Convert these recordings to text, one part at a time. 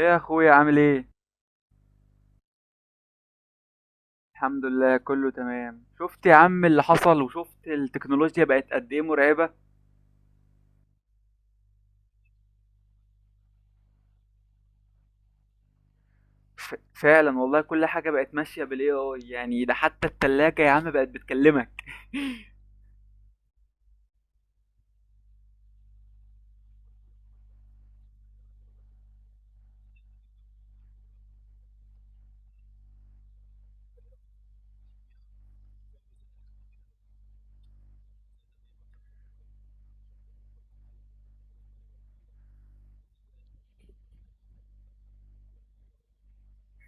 ايه يا اخويا، عامل ايه؟ الحمد لله، كله تمام. شفت يا عم اللي حصل؟ وشفت التكنولوجيا بقت قد ايه مرعبة! فعلا والله، كل حاجة بقت ماشية بالاي اي. يعني ده حتى التلاجة يا عم بقت بتكلمك.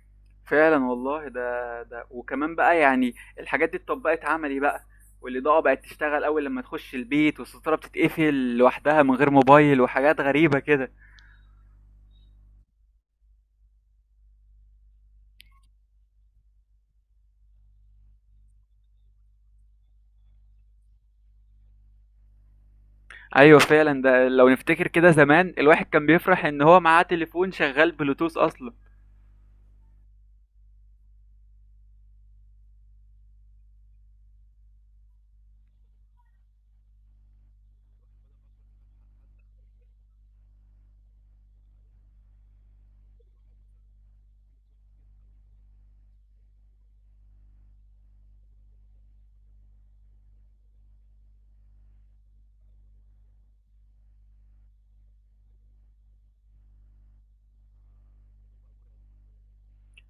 فعلا والله، ده وكمان بقى يعني الحاجات دي اتطبقت عملي بقى، والاضاءة بقت تشتغل اول لما تخش البيت، والستارة بتتقفل لوحدها من غير موبايل وحاجات غريبة كده. ايوه فعلا، ده لو نفتكر كده زمان، الواحد كان بيفرح ان هو معاه تليفون شغال بلوتوث اصلا.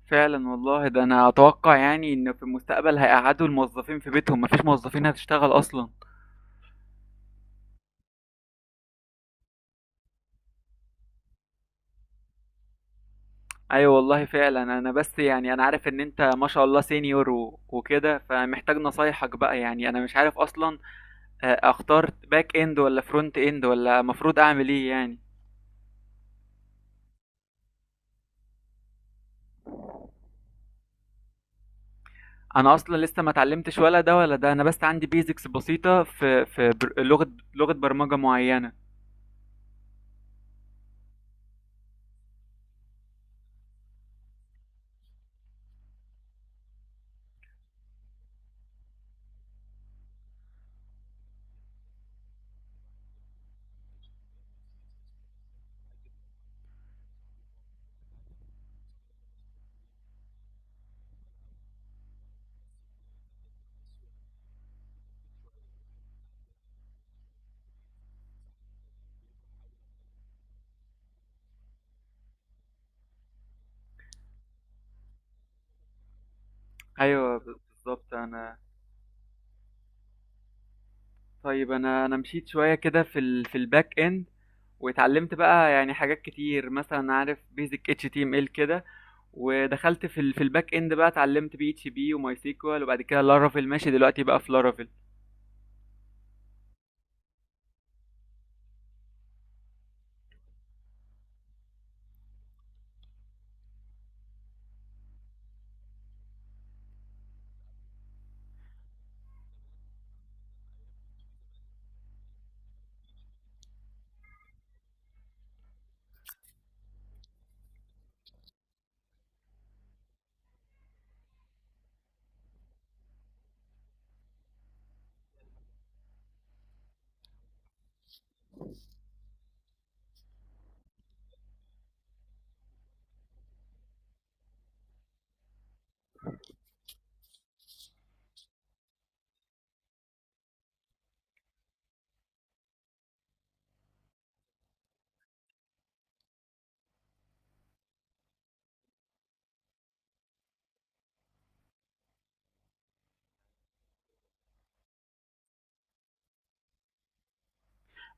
فعلا والله، ده انا اتوقع يعني ان في المستقبل هيقعدوا الموظفين في بيتهم، مفيش موظفين هتشتغل اصلا. ايوه والله فعلا، انا بس يعني انا عارف ان انت ما شاء الله سينيور و- وكده، فمحتاج نصايحك بقى. يعني انا مش عارف اصلا اختار باك اند ولا فرونت اند، ولا مفروض اعمل ايه يعني. انا اصلا لسه ما اتعلمتش ولا ده ولا ده، انا بس عندي بيزكس بسيطة في لغة برمجة معينة. ايوه بالظبط. انا طيب، انا مشيت شويه كده في الباك اند، واتعلمت بقى يعني حاجات كتير. مثلا عارف بيزك اتش تي ام ال كده، ودخلت في الباك اند بقى. اتعلمت بي اتش بي وماي سيكوال، وبعد كده لارافيل. ماشي دلوقتي بقى في لارافيل.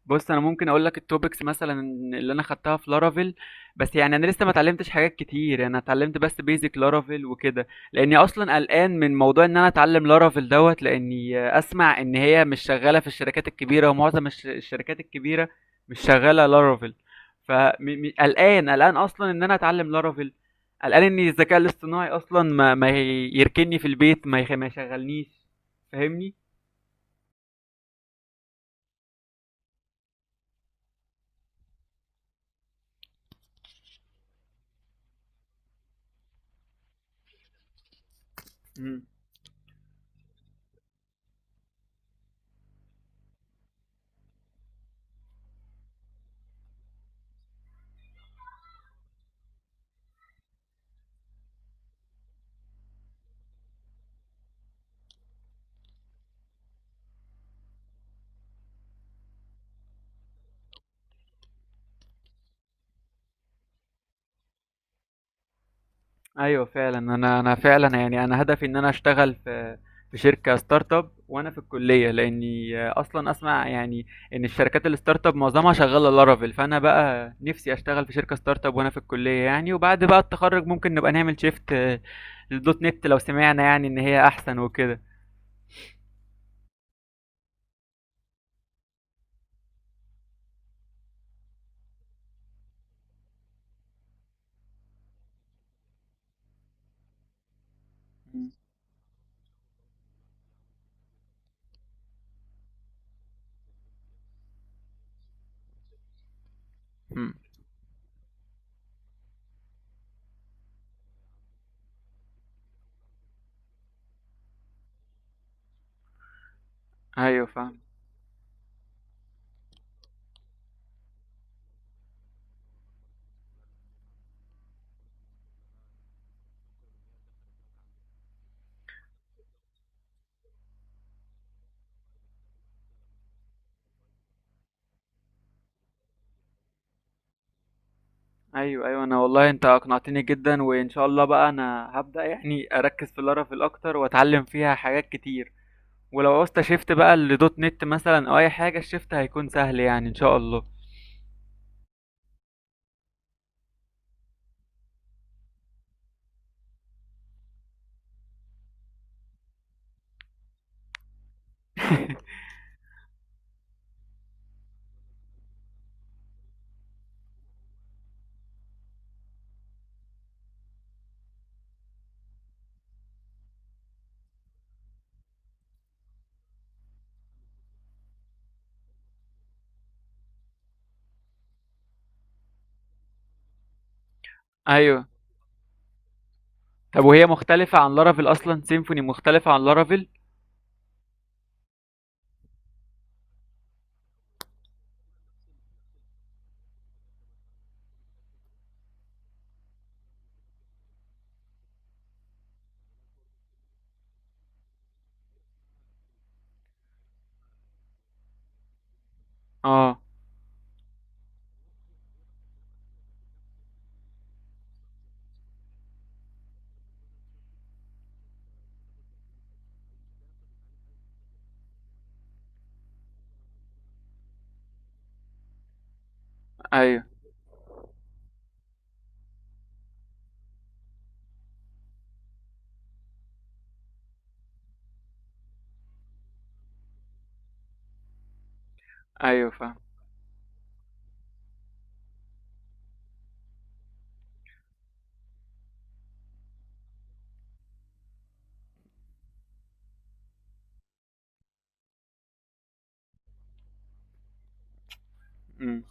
بص، انا ممكن اقول لك التوبكس مثلا اللي انا خدتها في لارافيل، بس يعني انا لسه ما اتعلمتش حاجات كتير. انا اتعلمت بس بيزك لارافيل وكده، لاني اصلا قلقان من موضوع ان انا اتعلم لارافيل دوت. لاني اسمع ان هي مش شغاله في الشركات الكبيره، ومعظم الشركات الكبيره مش شغاله لارافيل. فقلقان اصلا ان انا اتعلم لارافيل، قلقان ان الذكاء الاصطناعي اصلا ما يركني في البيت، ما يشغلنيش. فاهمني. ايوه فعلا، انا فعلا يعني انا هدفي ان انا اشتغل في شركه ستارت اب وانا في الكليه، لاني اصلا اسمع يعني ان الشركات الستارت اب معظمها شغاله لارافيل. فانا بقى نفسي اشتغل في شركه ستارت اب وانا في الكليه يعني، وبعد بقى التخرج ممكن نبقى نعمل شيفت للدوت نت لو سمعنا يعني ان هي احسن وكده. مم. ايوه فاهم. ايوه، ايوه، انا والله انت اقنعتني جدا، وان شاء الله بقى انا هبدأ يعني اركز في لارافيل اكتر واتعلم فيها حاجات كتير. ولو عوزت شيفت بقى لدوت نت مثلا او اي حاجه، الشيفت هيكون سهل يعني ان شاء الله. ايوه. طب وهي مختلفه عن لارافيل اصلا؟ سيمفوني مختلفه عن لارافيل؟ اه. ايوه، ايوه، فاهم. أمم.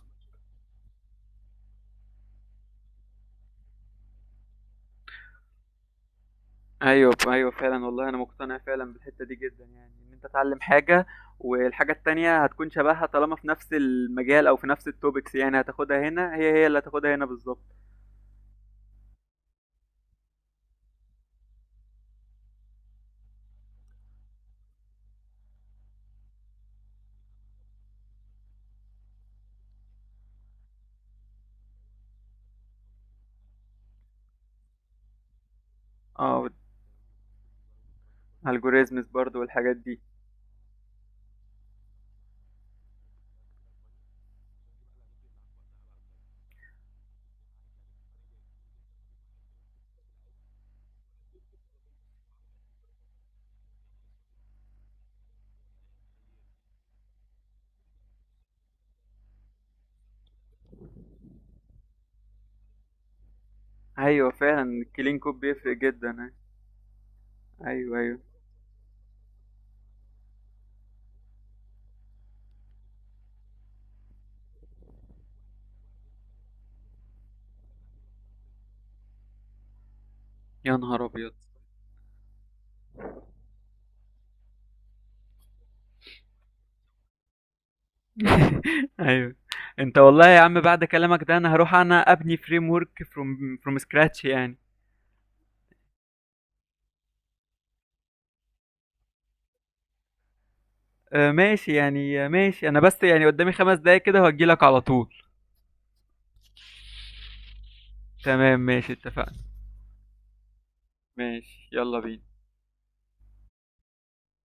ايوه، ايوه، فعلا والله انا مقتنع فعلا بالحته دي جدا، يعني ان انت تتعلم حاجه والحاجه التانية هتكون شبهها طالما في نفس المجال او في نفس التوبكس. يعني هتاخدها هنا، هي هي اللي هتاخدها هنا بالظبط. اه، الجوريزمز برضو والحاجات دي. ايوه فعلا، الكلين كود بيفرق جدا. ايوه، ايوه. يا نهار ابيض! ايوه. انت والله يا عم بعد كلامك ده انا هروح انا ابني فريم ورك فروم سكراتش يعني. آه ماشي يعني، ماشي. انا بس يعني قدامي 5 دقايق كده وهجيلك على طول. تمام، ماشي، اتفقنا. ماشي، يلا بينا.